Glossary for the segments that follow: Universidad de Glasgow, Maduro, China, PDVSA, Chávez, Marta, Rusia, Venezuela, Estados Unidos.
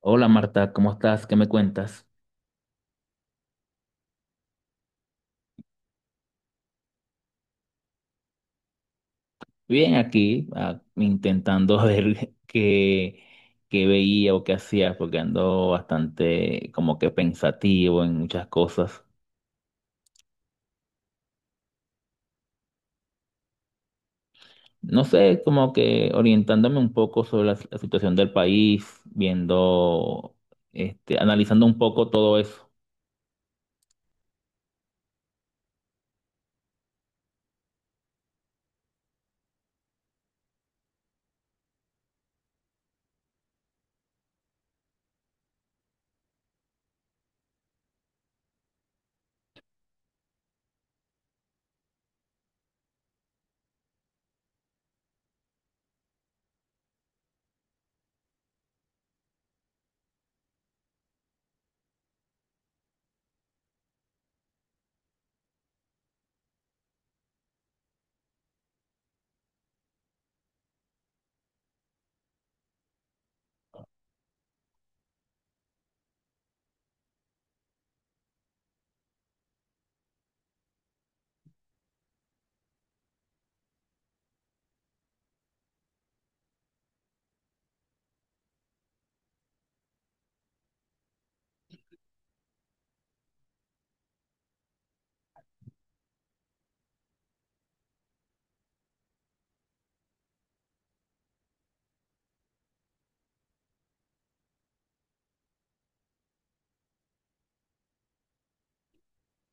Hola Marta, ¿cómo estás? ¿Qué me cuentas? Bien, aquí intentando ver qué veía o qué hacía, porque ando bastante como que pensativo en muchas cosas. No sé, como que orientándome un poco sobre la situación del país, viendo, este, analizando un poco todo eso.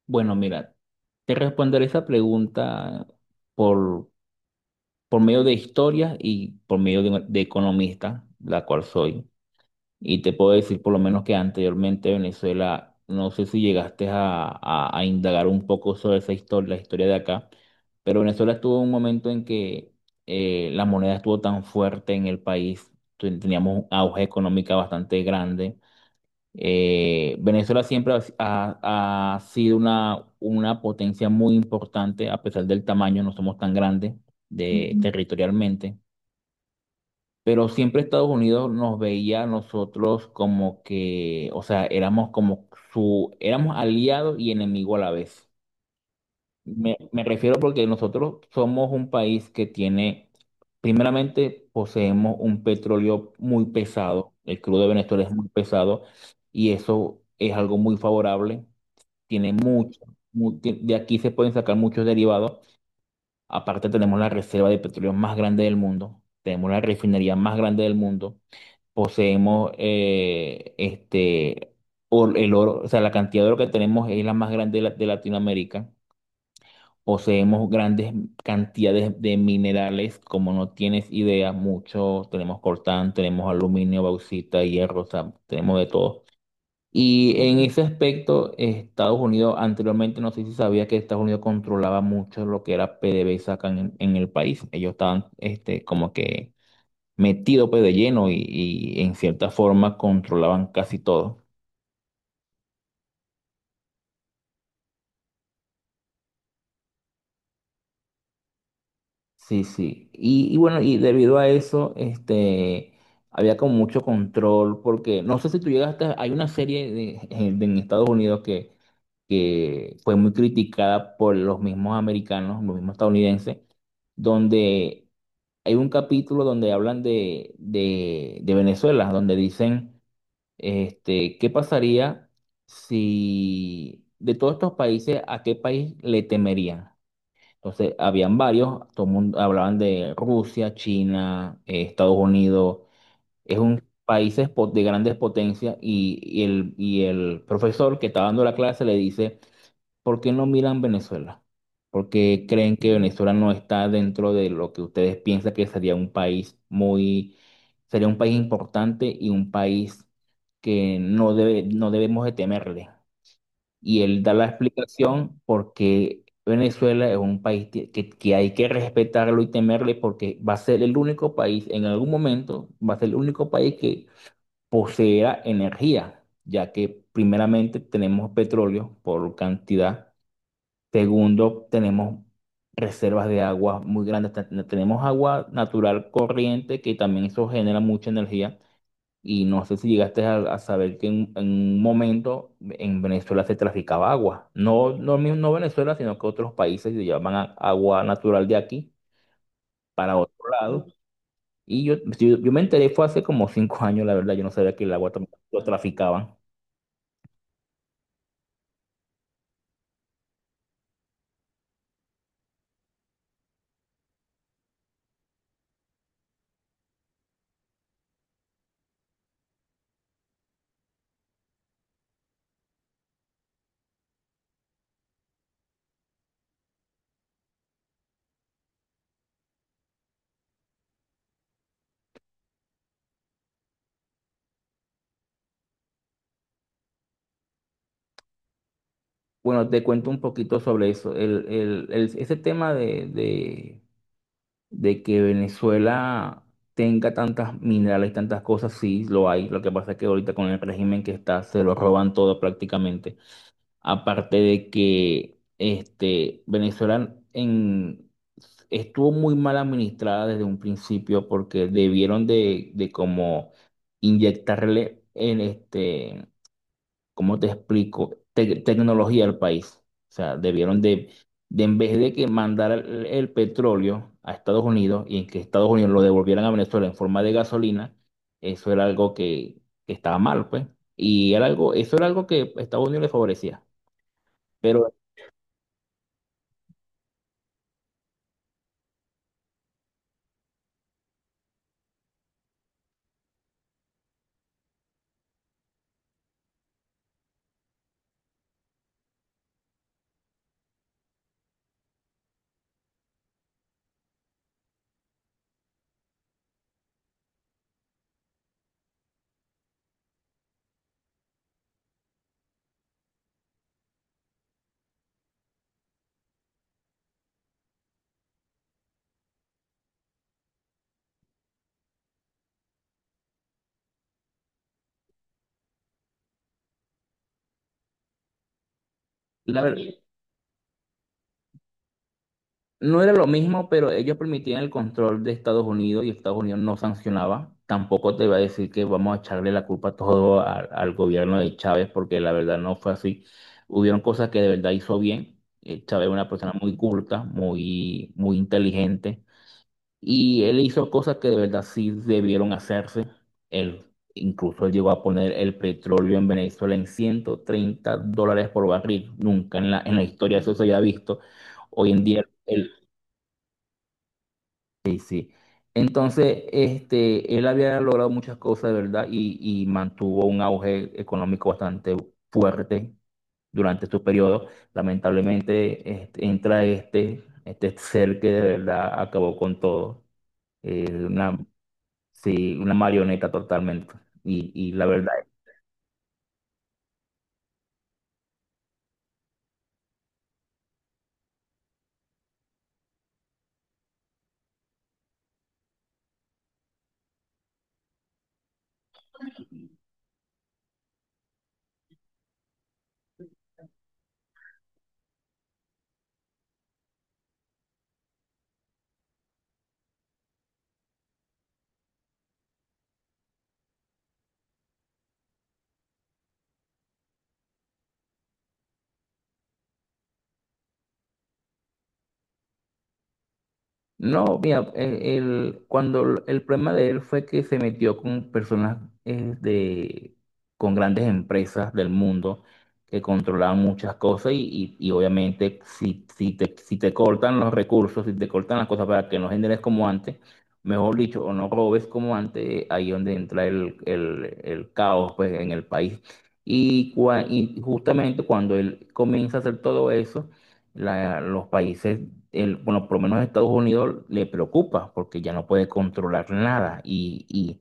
Bueno, mira, te responderé esa pregunta por, por medio de historia y por medio de economista, la cual soy. Y te puedo decir por lo menos que anteriormente Venezuela, no sé si llegaste a indagar un poco sobre esa historia, la historia de acá, pero Venezuela estuvo en un momento en que la moneda estuvo tan fuerte en el país, teníamos un auge económica bastante grande. Venezuela siempre ha sido una potencia muy importante, a pesar del tamaño, no somos tan grandes de, ujú, territorialmente. Pero siempre Estados Unidos nos veía a nosotros como que, o sea, éramos como su, éramos aliados y enemigo a la vez. Me refiero porque nosotros somos un país que tiene, primeramente, poseemos un petróleo muy pesado, el crudo de Venezuela es muy pesado y eso es algo muy favorable, tiene mucho, de aquí se pueden sacar muchos derivados, aparte tenemos la reserva de petróleo más grande del mundo, tenemos la refinería más grande del mundo, poseemos este, el oro, o sea, la cantidad de oro que tenemos es la más grande de Latinoamérica. Poseemos grandes cantidades de minerales, como no tienes idea, mucho. Tenemos coltán, tenemos aluminio, bauxita, hierro, o sea, tenemos de todo. Y en ese aspecto, Estados Unidos anteriormente, no sé si sabía que Estados Unidos controlaba mucho lo que era PDVSA acá en el país. Ellos estaban este, como que metido pues de lleno y en cierta forma controlaban casi todo. Sí, sí. Y bueno, y debido a eso, este, había como mucho control porque no sé si tú llegaste, a-, hay una serie de, en Estados Unidos que fue muy criticada por los mismos americanos, los mismos estadounidenses, donde hay un capítulo donde hablan de Venezuela, donde dicen: Este, ¿qué pasaría si de todos estos países, a qué país le temerían? Entonces, habían varios, todo el mundo hablaban de Rusia, China, Estados Unidos, es un país de grandes potencias y el profesor que está dando la clase le dice: ¿Por qué no miran Venezuela? Porque creen que Venezuela no está dentro de lo que ustedes piensan que sería un país muy, sería un país importante y un país que no debe, no debemos de temerle. Y él da la explicación porque Venezuela es un país que hay que respetarlo y temerle porque va a ser el único país, en algún momento, va a ser el único país que posea energía, ya que primeramente tenemos petróleo por cantidad. Segundo, tenemos reservas de agua muy grandes. Tenemos agua natural corriente que también eso genera mucha energía. Y no sé si llegaste a saber que en un momento en Venezuela se traficaba agua. No, no, no Venezuela, sino que otros países se llaman agua natural de aquí, por lado. Y yo me enteré, fue hace como 5 años, la verdad, yo no sabía que el agua también lo traficaban. Bueno, te cuento un poquito sobre eso. Ese tema de que Venezuela tenga tantas minerales, tantas cosas, sí, lo hay. Lo que pasa es que ahorita con el régimen que está, se lo roban todo prácticamente. Aparte de que este, estuvo muy mal administrada desde un principio porque debieron de como inyectarle en este, ¿cómo te explico? Tecnología al país. O sea, debieron de en vez de que mandara el petróleo a Estados Unidos y en que Estados Unidos lo devolvieran a Venezuela en forma de gasolina, eso era algo que estaba mal, pues. Y era algo, eso era algo que Estados Unidos le favorecía. Pero la, ver-. No era lo mismo, pero ellos permitían el control de Estados Unidos y Estados Unidos no sancionaba. Tampoco te iba a decir que vamos a echarle la culpa todo al gobierno de Chávez, porque la verdad no fue así. Hubieron cosas que de verdad hizo bien. Chávez era una persona muy culta, muy, muy inteligente, y él hizo cosas que de verdad sí debieron hacerse. Él incluso llegó a poner el petróleo en Venezuela en $130 por barril. Nunca en en la historia eso se había visto. Hoy en día el, sí, sí. Entonces, este, él había logrado muchas cosas, de ¿verdad? Y mantuvo un auge económico bastante fuerte durante su periodo. Lamentablemente, este, entra este, este ser que de verdad acabó con todo. Una, sí, una marioneta totalmente. Y la verdad. No, mira, cuando el problema de él fue que se metió con personas eh, de, con grandes empresas del mundo que controlaban muchas cosas y, y obviamente si te, si te cortan los recursos, si te cortan las cosas para que no generes como antes, mejor dicho, o no robes como antes, ahí es donde entra el caos pues, en el país. Y, y justamente cuando él comienza a hacer todo eso, los países bueno, por lo menos a Estados Unidos le preocupa porque ya no puede controlar nada y,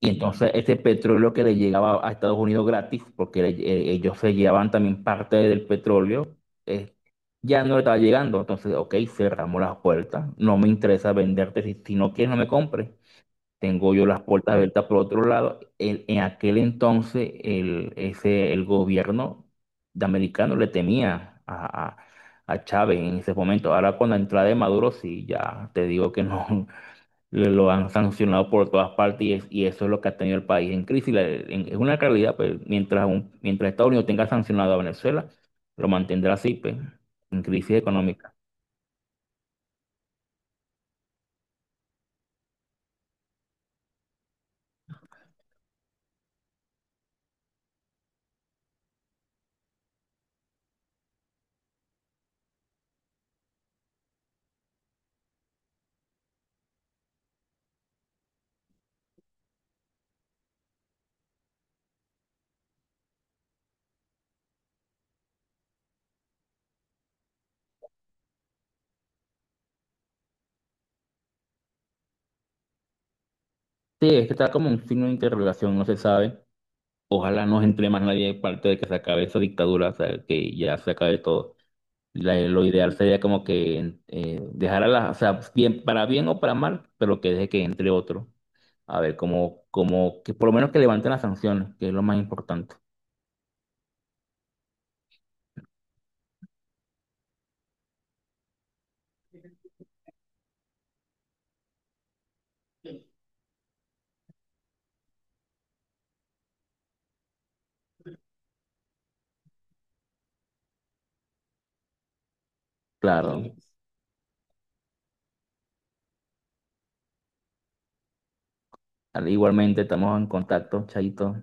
y entonces ese petróleo que le llegaba a Estados Unidos gratis, porque ellos se llevaban también parte del petróleo, eh, ya no le estaba llegando. Entonces, ok, cerramos las puertas, no me interesa venderte si, si no quieres no me compres, tengo yo las puertas abiertas por otro lado. En aquel entonces, el, ese, el gobierno de americano le temía a Chávez en ese momento. Ahora con la entrada de Maduro, sí, ya te digo que no, lo han sancionado por todas partes y, y eso es lo que ha tenido el país en crisis. Es una realidad, pues, mientras, mientras Estados Unidos tenga sancionado a Venezuela, lo mantendrá así, pues, en crisis económica. Sí, es que está como un signo de interrogación, no se sabe. Ojalá no entre más nadie parte de que se acabe esa dictadura, o sea, que ya se acabe todo. Lo ideal sería como que dejar a las, o sea, bien, para bien o para mal, pero que deje que entre otro. A ver, como, como que por lo menos que levanten las sanciones, que es lo más importante. Claro, igualmente estamos en contacto, Chaito.